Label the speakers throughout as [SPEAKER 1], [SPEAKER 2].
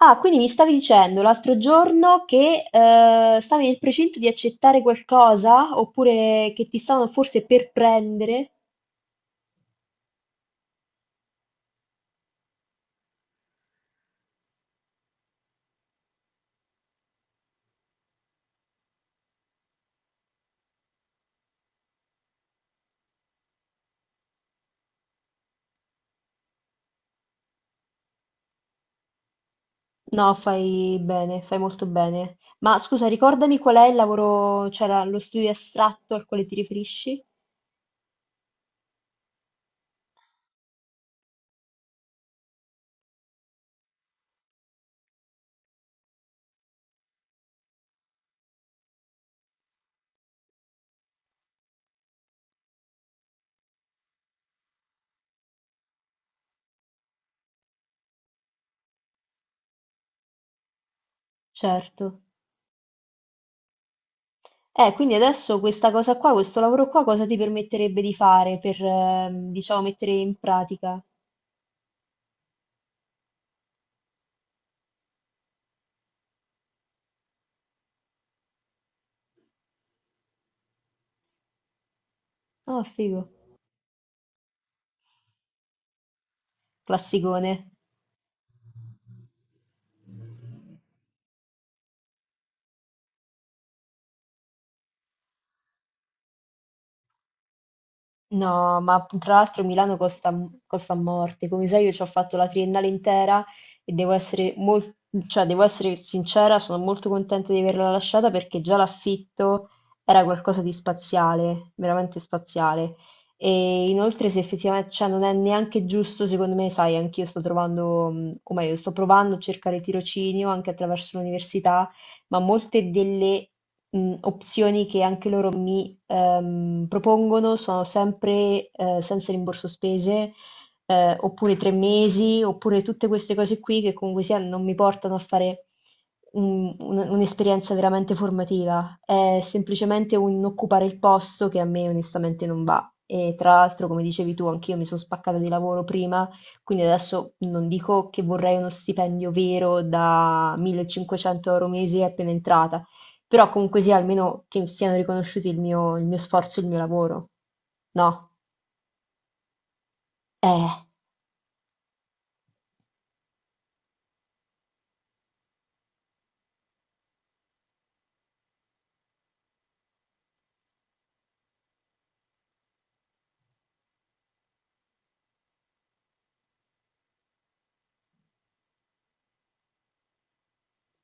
[SPEAKER 1] Ah, quindi mi stavi dicendo l'altro giorno che stavi nel precinto di accettare qualcosa oppure che ti stavano forse per prendere? No, fai bene, fai molto bene. Ma scusa, ricordami qual è il lavoro, cioè lo studio astratto al quale ti riferisci? Certo. Quindi adesso questa cosa qua, questo lavoro qua, cosa ti permetterebbe di fare per, diciamo, mettere in pratica? Ah, figo. Classicone. No, ma tra l'altro Milano costa a morte. Come sai, io ci ho fatto la triennale intera e devo essere, cioè, devo essere sincera, sono molto contenta di averla lasciata perché già l'affitto era qualcosa di spaziale, veramente spaziale. E inoltre, se effettivamente, cioè, non è neanche giusto, secondo me, sai, anch'io sto trovando, o meglio, sto provando a cercare tirocinio anche attraverso l'università, ma molte delle, opzioni che anche loro mi, propongono sono sempre, senza rimborso spese, oppure tre mesi, oppure tutte queste cose qui che comunque sia non mi portano a fare un'esperienza veramente formativa, è semplicemente un occupare il posto che a me onestamente non va. E tra l'altro, come dicevi tu, anch'io mi sono spaccata di lavoro prima, quindi adesso non dico che vorrei uno stipendio vero da 1.500 euro mese appena entrata, però comunque sia almeno che siano riconosciuti il mio sforzo e il mio lavoro. No? Eh,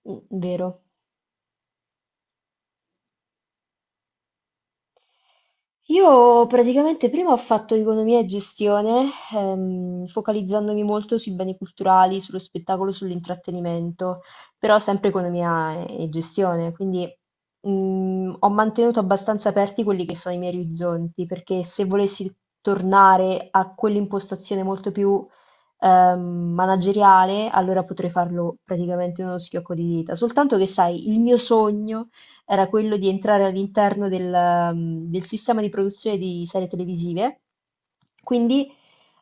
[SPEAKER 1] mm, vero. Io praticamente prima ho fatto economia e gestione, focalizzandomi molto sui beni culturali, sullo spettacolo, sull'intrattenimento, però sempre economia e gestione, quindi, ho mantenuto abbastanza aperti quelli che sono i miei orizzonti, perché se volessi tornare a quell'impostazione molto più, ehm, manageriale, allora potrei farlo praticamente in uno schiocco di dita. Soltanto che, sai, il mio sogno era quello di entrare all'interno del sistema di produzione di serie televisive. Quindi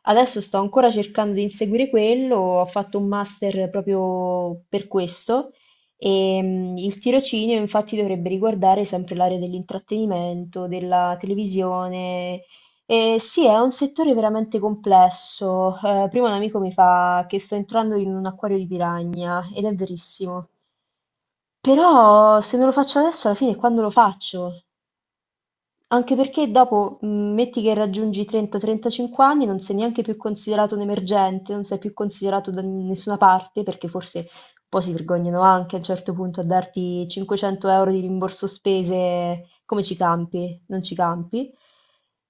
[SPEAKER 1] adesso sto ancora cercando di inseguire quello, ho fatto un master proprio per questo e, il tirocinio infatti dovrebbe riguardare sempre l'area dell'intrattenimento, della televisione. Sì, è un settore veramente complesso. Prima un amico mi fa che sto entrando in un acquario di piragna ed è verissimo. Però se non lo faccio adesso, alla fine quando lo faccio? Anche perché dopo, metti che raggiungi i 30-35 anni, non sei neanche più considerato un emergente, non sei più considerato da nessuna parte, perché forse un po' si vergognano anche a un certo punto a darti 500 euro di rimborso spese. Come ci campi? Non ci campi.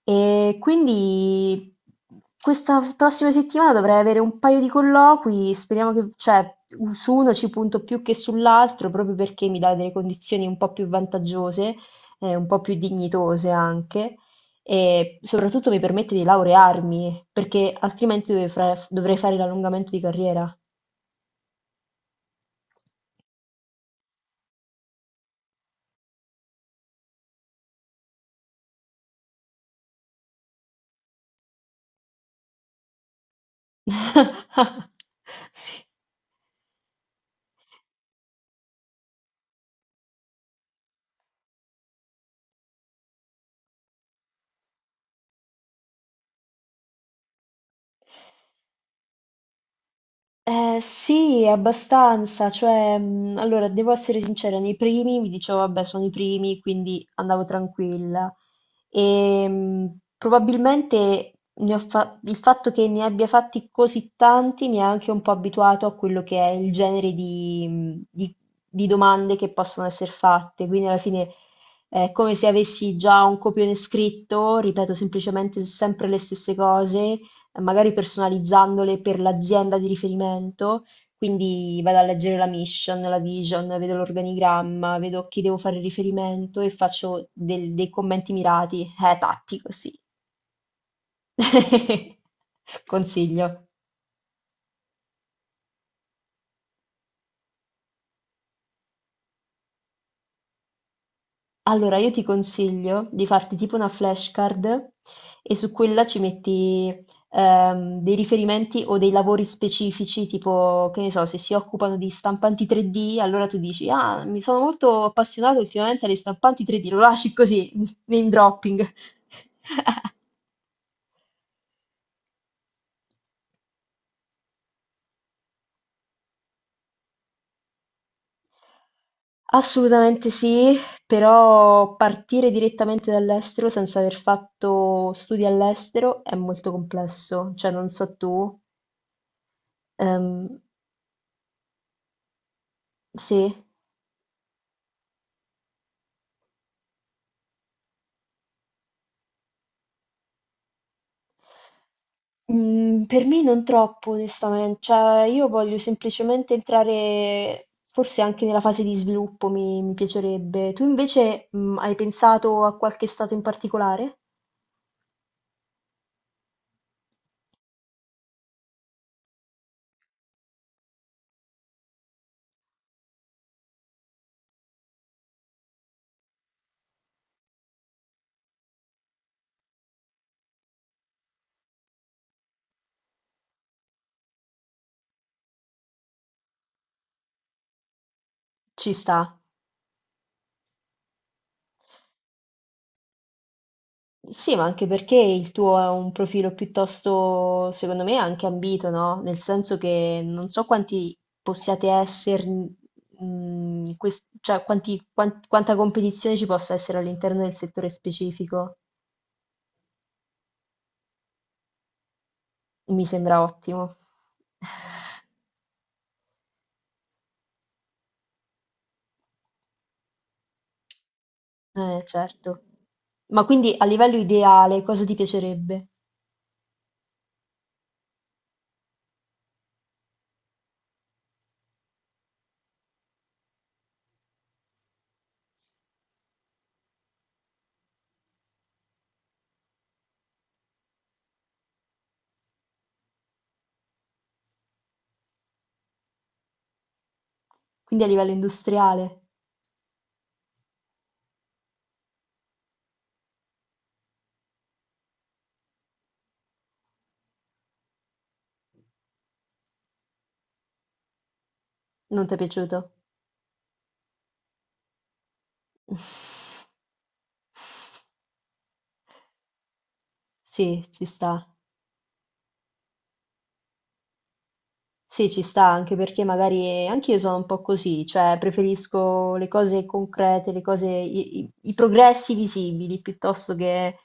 [SPEAKER 1] E quindi questa prossima settimana dovrei avere un paio di colloqui, speriamo che, cioè, su uno ci punto più che sull'altro, proprio perché mi dà delle condizioni un po' più vantaggiose, un po' più dignitose anche, e soprattutto mi permette di laurearmi perché altrimenti dovrei dovrei fare l'allungamento di carriera. Sì. Sì, abbastanza, cioè, allora, devo essere sincera, nei primi mi dicevo, vabbè, sono i primi, quindi andavo tranquilla. E, probabilmente il fatto che ne abbia fatti così tanti mi ha anche un po' abituato a quello che è il genere di, di domande che possono essere fatte, quindi alla fine è come se avessi già un copione scritto, ripeto semplicemente sempre le stesse cose, magari personalizzandole per l'azienda di riferimento. Quindi vado a leggere la mission, la vision, vedo l'organigramma, vedo a chi devo fare riferimento e faccio dei commenti mirati. Tattico, sì. Consiglio. Allora, io ti consiglio di farti tipo una flashcard e su quella ci metti, dei riferimenti o dei lavori specifici, tipo, che ne so, se si occupano di stampanti 3D, allora tu dici, ah, mi sono molto appassionato ultimamente alle stampanti 3D, lo lasci così. Name dropping. Assolutamente sì, però partire direttamente dall'estero senza aver fatto studi all'estero è molto complesso, cioè non so tu, ehm, sì. Mhmm, per me non troppo onestamen cioè io voglio semplicemente entrare, forse anche nella fase di sviluppo mi piacerebbe. Tu invece, hai pensato a qualche stato in particolare? Ci sta. Sì, ma anche perché il tuo è un profilo piuttosto, secondo me, anche ambito, no, nel senso che non so quanti possiate esser mhmm, in ques cioè quanti quanta competizione ci possa essere all'interno del settore specifico. Mi sembra ottimo. Certo. Ma quindi a livello ideale cosa ti piacerebbe? Quindi a livello industriale non ti è piaciuto? Sì, ci sta. Sì, ci sta, anche perché magari anch'io sono un po' così, cioè preferisco le cose concrete, le cose, i progressi visibili piuttosto che...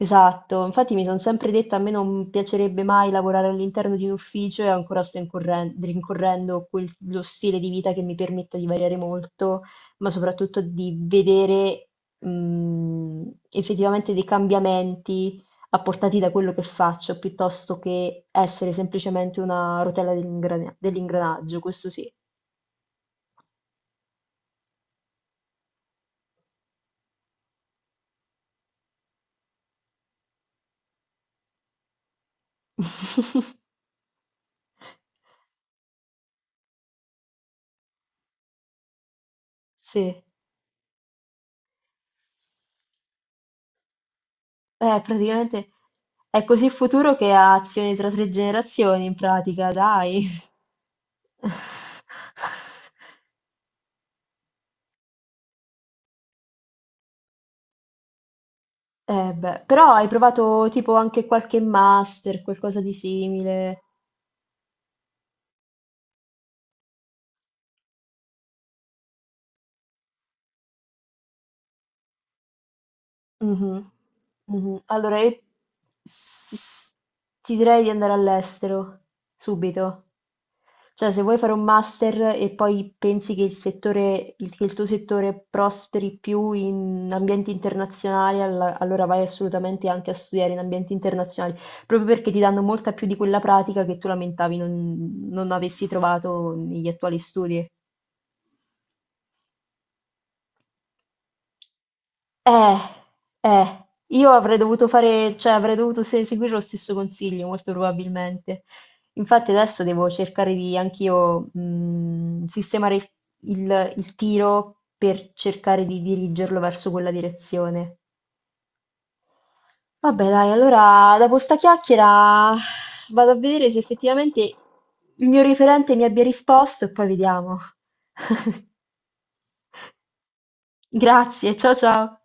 [SPEAKER 1] Esatto, infatti mi sono sempre detta a me non piacerebbe mai lavorare all'interno di un ufficio, e ancora sto rincorrendo lo stile di vita che mi permetta di variare molto, ma soprattutto di vedere, mh, effettivamente dei cambiamenti apportati da quello che faccio, piuttosto che essere semplicemente una rotella dell'ingranaggio, questo sì. Sì, praticamente è così futuro che ha azioni tra tre generazioni, in pratica, dai. Eh beh, però hai provato tipo anche qualche master, qualcosa di simile. Mh-mh. Mh-mh. Allora io s s ti direi di andare all'estero, subito. Cioè se vuoi fare un master e poi pensi che il tuo settore prosperi più in ambienti internazionali, allora vai assolutamente anche a studiare in ambienti internazionali, proprio perché ti danno molta più di quella pratica che tu lamentavi non avessi trovato negli attuali studi. Eh, io avrei dovuto fare, cioè avrei dovuto seguire lo stesso consiglio, molto probabilmente. Infatti adesso devo cercare di anch'io, sistemare il tiro per cercare di dirigerlo verso quella direzione. Vabbè, dai, allora dopo sta chiacchiera vado a vedere se effettivamente il mio referente mi abbia risposto e poi vediamo. Grazie, ciao ciao.